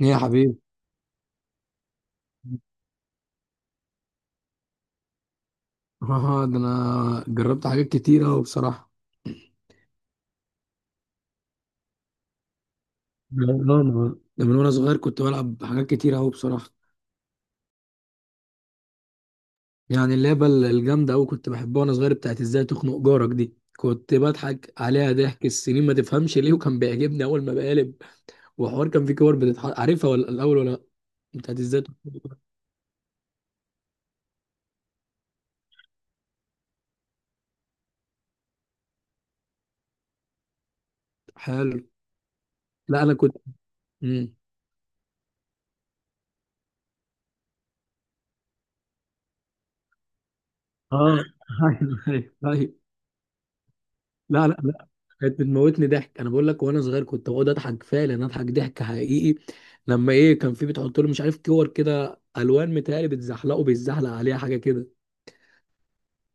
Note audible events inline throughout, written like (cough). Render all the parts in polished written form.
ايه يا حبيبي؟ (laughs) اه ده انا جربت حاجات كتير اوي بصراحه. اه ده من وانا صغير كنت بلعب حاجات كتير اوي بصراحه. يعني اللعبه الجامده اوي كنت بحبها وانا صغير، بتاعت ازاي تخنق جارك، دي كنت بضحك عليها ضحك السنين، ما تفهمش ليه، وكان بيعجبني اول ما بقلب. وحوار كان في كور بتتحط، عارفها ولا الاول ولا لأ؟ بتاعت ازاي تخنق. حلو. لا انا كنت، امم اه (laughs) ايوه، ايوه، أيوة. لا لا لا، كانت بتموتني ضحك، انا بقول لك وانا صغير كنت بقعد اضحك فعلا، اضحك ضحك حقيقي. لما ايه كان في بتحط له مش عارف كور كده الوان، متهيألي بتزحلقه، بيتزحلق عليها حاجه كده.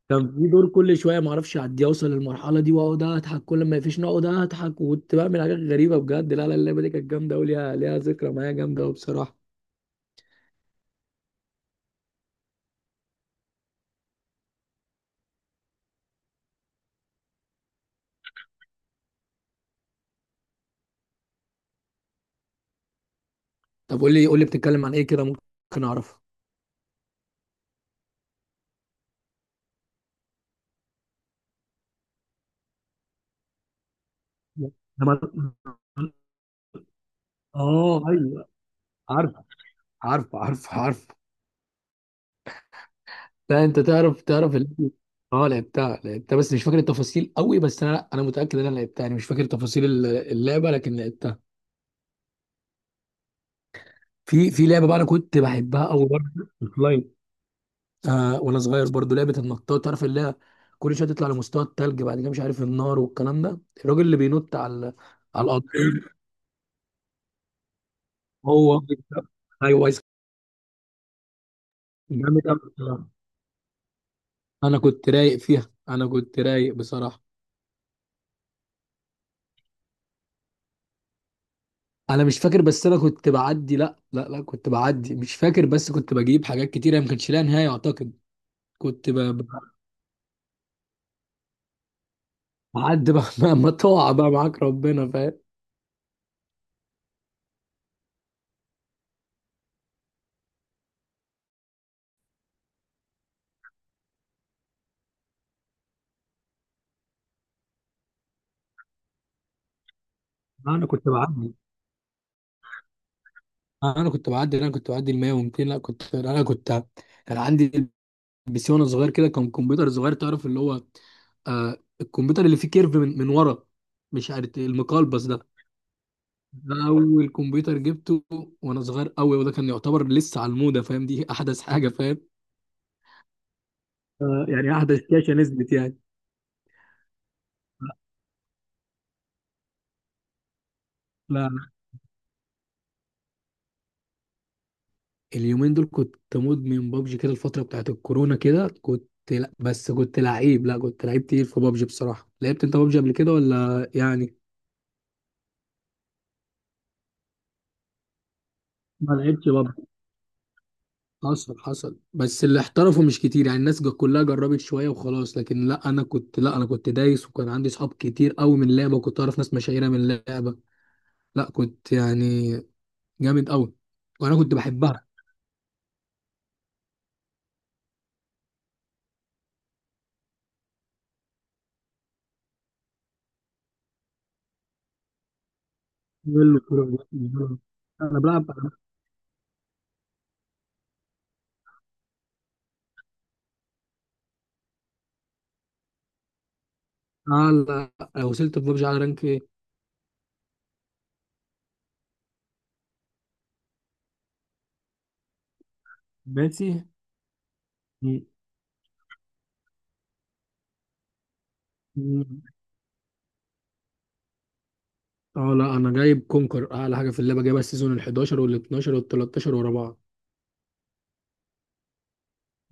كان في دور كل شويه ما اعرفش اعديه، اوصل للمرحله دي واقعد اضحك، كل ما يفيش نقعد اضحك، وكنت بعمل حاجات غريبه بجد. لا لا، اللعبه دي كانت جامده قوي، ليها ذكرى معايا جامده قوي بصراحه. طب قول لي قول لي، بتتكلم عن ايه كده ممكن اعرفها؟ أنا ما- (laughs) اه، ايوه. عارف، عارف، عارف، عارف. لا انت تعرف اللعبة. اه لعبتها بس مش فاكر التفاصيل قوي، بس انا، لا انا متاكد ان انا لعبتها، يعني مش فاكر تفاصيل اللعبه، لكن لعبتها. في لعبه بقى انا كنت بحبها قوي برضه، اونلاين، آه، وانا صغير برضه، لعبه النطاط، تعرف اللي هي كل شويه تطلع لمستوى التلج بعد كده مش عارف النار والكلام ده. الراجل اللي بينط على القطر. هو. ايوه، جامد قوي بصراحة. انا كنت رايق فيها، انا كنت رايق بصراحه. انا مش فاكر، بس انا كنت بعدي، لا لا لا كنت بعدي، مش فاكر بس كنت بجيب حاجات كتيره ما كانش لها نهايه اعتقد. كنت بعدي بقى. (laughs) ما تقع بقى معاك، ربنا فاهم. لا، انا كنت بعدي، انا كنت بعدي، لا، انا كنت بعدي ال 100 و200. لا كنت، انا كنت، كان عندي بي سي وانا صغير كده، كان كمبيوتر صغير تعرف اللي هو، آه الكمبيوتر اللي فيه كيرف من، ورا، مش عارف المقلبس ده. ده اول كمبيوتر جبته وانا صغير قوي، وده كان يعتبر لسه على الموضه فاهم، دي احدث حاجه فاهم. آه، يعني قاعدة الشاشة نزلت يعني. لا. اليومين دول كنت مدمن بابجي كده، الفترة بتاعت الكورونا كده كنت، لا بس كنت لعيب، لا كنت لعيب تقيل في بابجي بصراحة. لعبت انت بابجي قبل كده ولا يعني؟ ما لعبتش بابجي حصل، حصل، بس اللي احترفوا مش كتير يعني، الناس كلها جربت شوية وخلاص، لكن لا انا كنت، لا انا كنت دايس، وكان عندي صحاب كتير قوي من اللعبة وكنت اعرف ناس مشاهيرة من اللعبة، لا كنت يعني جامد قوي، وانا كنت بحبها. يلا، كورة. انا بلعب. اه. لا وصلت في ببجي على رانك ايه؟ باتي. مم. مم. اه لا انا جايب كونكر، اعلى حاجه في اللعبه، جايبها السيزون ال 11 وال 12 وال 13 ورا بعض.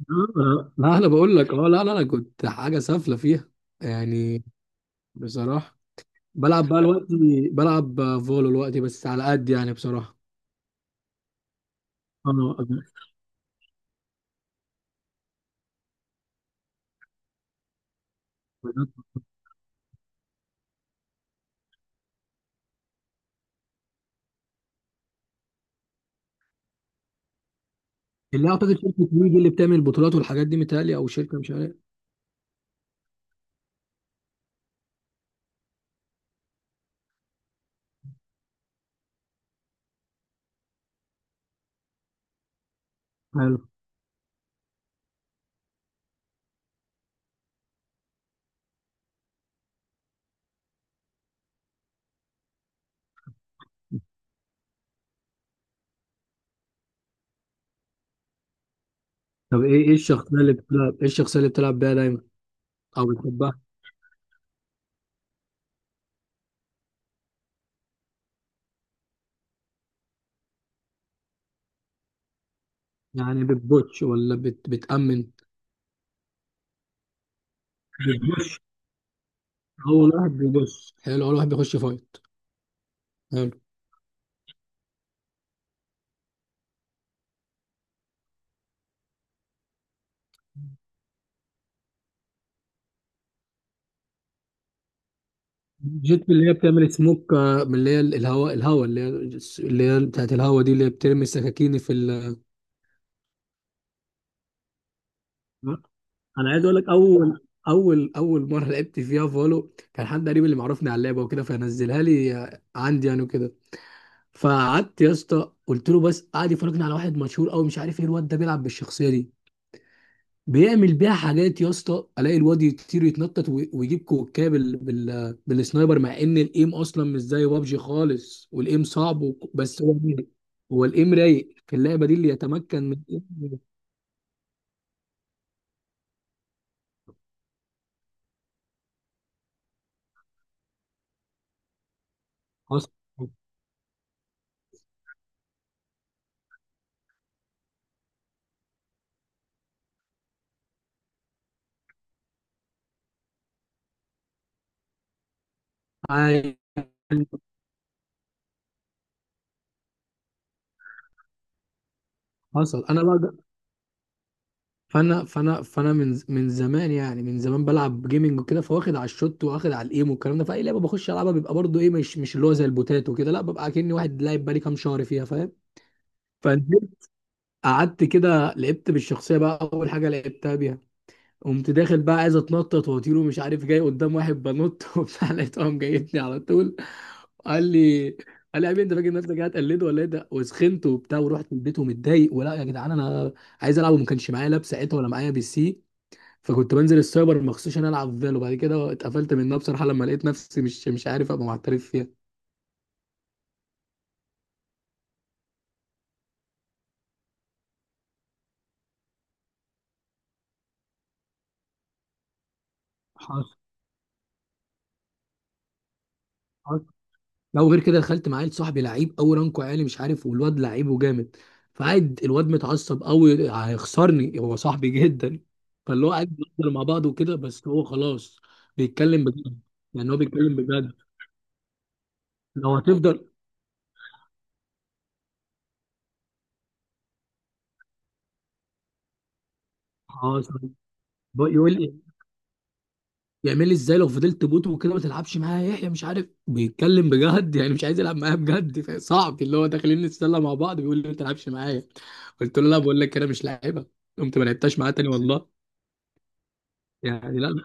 آه، لا لا، انا بقول لك، اه لا لا انا كنت حاجه سافله فيها يعني بصراحه. بلعب بقى الوقت، بلعب فولو الوقت بس على قد يعني بصراحه. اه اللي اعتقد شركه ويجي اللي بتعمل البطولات والحاجات دي متهيألي، او شركه مش عارف. حلو. طب ايه، ايه الشخصيه اللي بتلعب، ايه الشخصيه اللي بتلعب بيها دايما او بتحبها؟ يعني بتبوتش ولا بتأمن؟ بتبوش. اول واحد بيبص. حلو. اول واحد بيخش فايت. حلو. جيت اللي هي بتعمل سموك، آه، من اللي هي الهواء، الهواء اللي هي، اللي هي بتاعت الهواء دي، اللي هي بترمي السكاكين في انا عايز اقول لك، اول مره لعبت فيها فولو، كان حد قريب اللي معرفني على اللعبه وكده، فنزلها لي عندي يعني وكده. فقعدت يا اسطى، قلت له بس، قعد يفرجني على واحد مشهور قوي مش عارف ايه، الواد ده بيلعب بالشخصيه دي، بيعمل بيها حاجات يا اسطى، الاقي الواد يطير، يتنطط ويجيب كوكايه بالسنايبر، مع ان الايم اصلا مش زي بابجي خالص، والايم صعب بس هو رايق. هو الايم رايق في اللعبه دي اللي يتمكن من الإيم. حصل. أيوة، حصل. انا بقى فانا من زمان يعني، من زمان بلعب جيمنج وكده، فواخد على الشوت، واخد على الايم والكلام ده، فاي لعبه بخش العبها بيبقى برضو ايه، مش اللي هو زي البوتات وكده، لا ببقى كأني واحد لاعب بقالي كام شهر فيها، فاهم. قعدت كده لعبت بالشخصيه بقى، اول حاجه لعبتها بيها، قمت داخل بقى عايز اتنطط واطير ومش عارف، جاي قدام واحد بنط (laughs) وبتاع، لقيته قام جايبني على طول. قال لي قال لي يا حبيبي انت فاكر نفسك قاعد تقلد ولا ايه ده، وسخنت وبتاع ورحت البيت ومتضايق ولا يا جدعان، انا عايز العب وما كانش معايا لاب ساعتها ولا معايا بي سي، فكنت بنزل السايبر مخصوص عشان العب فالو، وبعد كده اتقفلت منها بصراحه لما لقيت نفسي مش عارف ابقى محترف فيها. حصل. لا وغير كده دخلت مع عيل صاحبي لعيب قوي، رانكو عالي مش عارف، والواد لعيب وجامد، فقعد الواد متعصب قوي هيخسرني هو صاحبي (laughs) جدا. فاللي هو قاعد بنفضل مع بعض وكده بس هو خلاص بيتكلم بجد، يعني هو بيتكلم بجد، لو هتفضل خلاص. يقول لي، يعمل لي ازاي لو فضلت بوت وكده ما تلعبش معايا يا يحيى، مش عارف بيتكلم بجد يعني مش عايز يلعب معايا بجد، صعب اللي هو داخلين نتسلى مع بعض بيقول لي ما تلعبش معايا. قلت له لا بقول لك انا مش لاعبها، قمت ما لعبتش معاه تاني والله. يعني لا.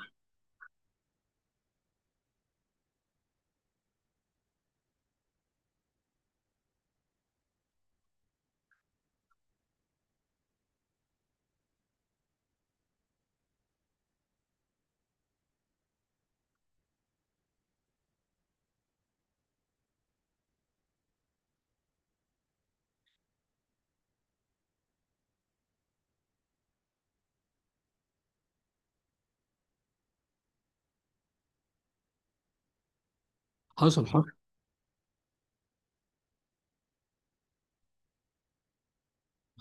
حصل، حصل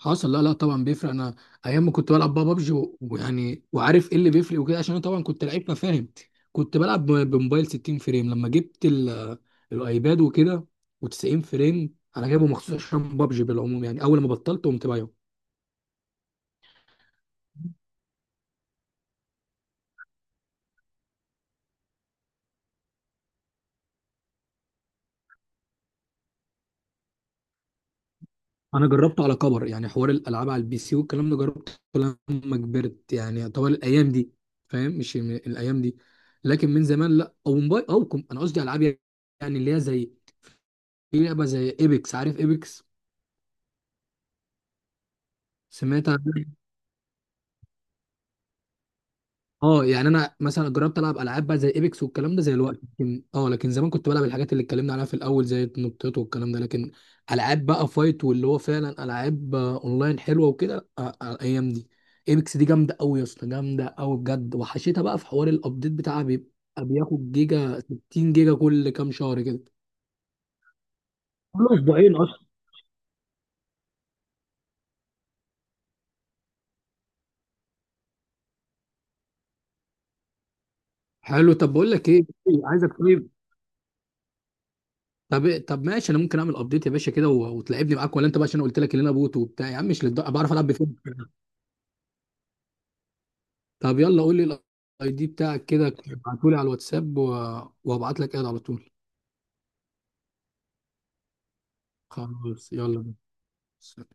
حصل. لا لا طبعا بيفرق، انا ايام ما كنت بلعب بقى بابجي ويعني، وعارف ايه اللي بيفرق وكده عشان انا طبعا كنت لعيب مفاهم، كنت بلعب بموبايل 60 فريم، لما جبت الايباد وكده و90 فريم، انا جايبه مخصوص عشان بابجي بالعموم يعني، اول ما بطلت قمت بايعه. انا جربته على كبر يعني، حوار الالعاب على البي سي والكلام ده جربته لما كبرت يعني، طوال الايام دي فاهم، مش م- الايام دي، لكن من زمان لا او موبايل او كم، انا قصدي العاب يعني اللي هي زي، في لعبه زي ايبكس، عارف ايبكس؟ سمعت عن إيه؟ اه يعني انا مثلا جربت العب العاب بقى زي ايبكس والكلام ده زي الوقت، لكن اه لكن زمان كنت بلعب الحاجات اللي اتكلمنا عليها في الاول زي النطيط والكلام ده، لكن العاب بقى فايت واللي هو فعلا العاب، آه، اونلاين حلوه وكده، آه، آه، الايام دي ايبكس دي جامده قوي يا اسطى، جامده قوي بجد. وحشيتها بقى في حوار الابديت بتاعها، بيبقى بياخد جيجا، 60 جيجا كل كام شهر كده، كل اسبوعين اصلا. حلو. طب بقول لك ايه، عايزك طيب. طب إيه، طب ماشي انا ممكن اعمل ابديت يا باشا كده و- وتلعبني معاك ولا انت بقى عشان أنا قلت لك ان انا بوت وبتاع، يا عم مش للدرجه، بعرف العب بفين. طب يلا قول لي الاي دي بتاعك كده ابعتهولي على الواتساب و... وابعت لك ايد على طول. خلاص يلا بينا.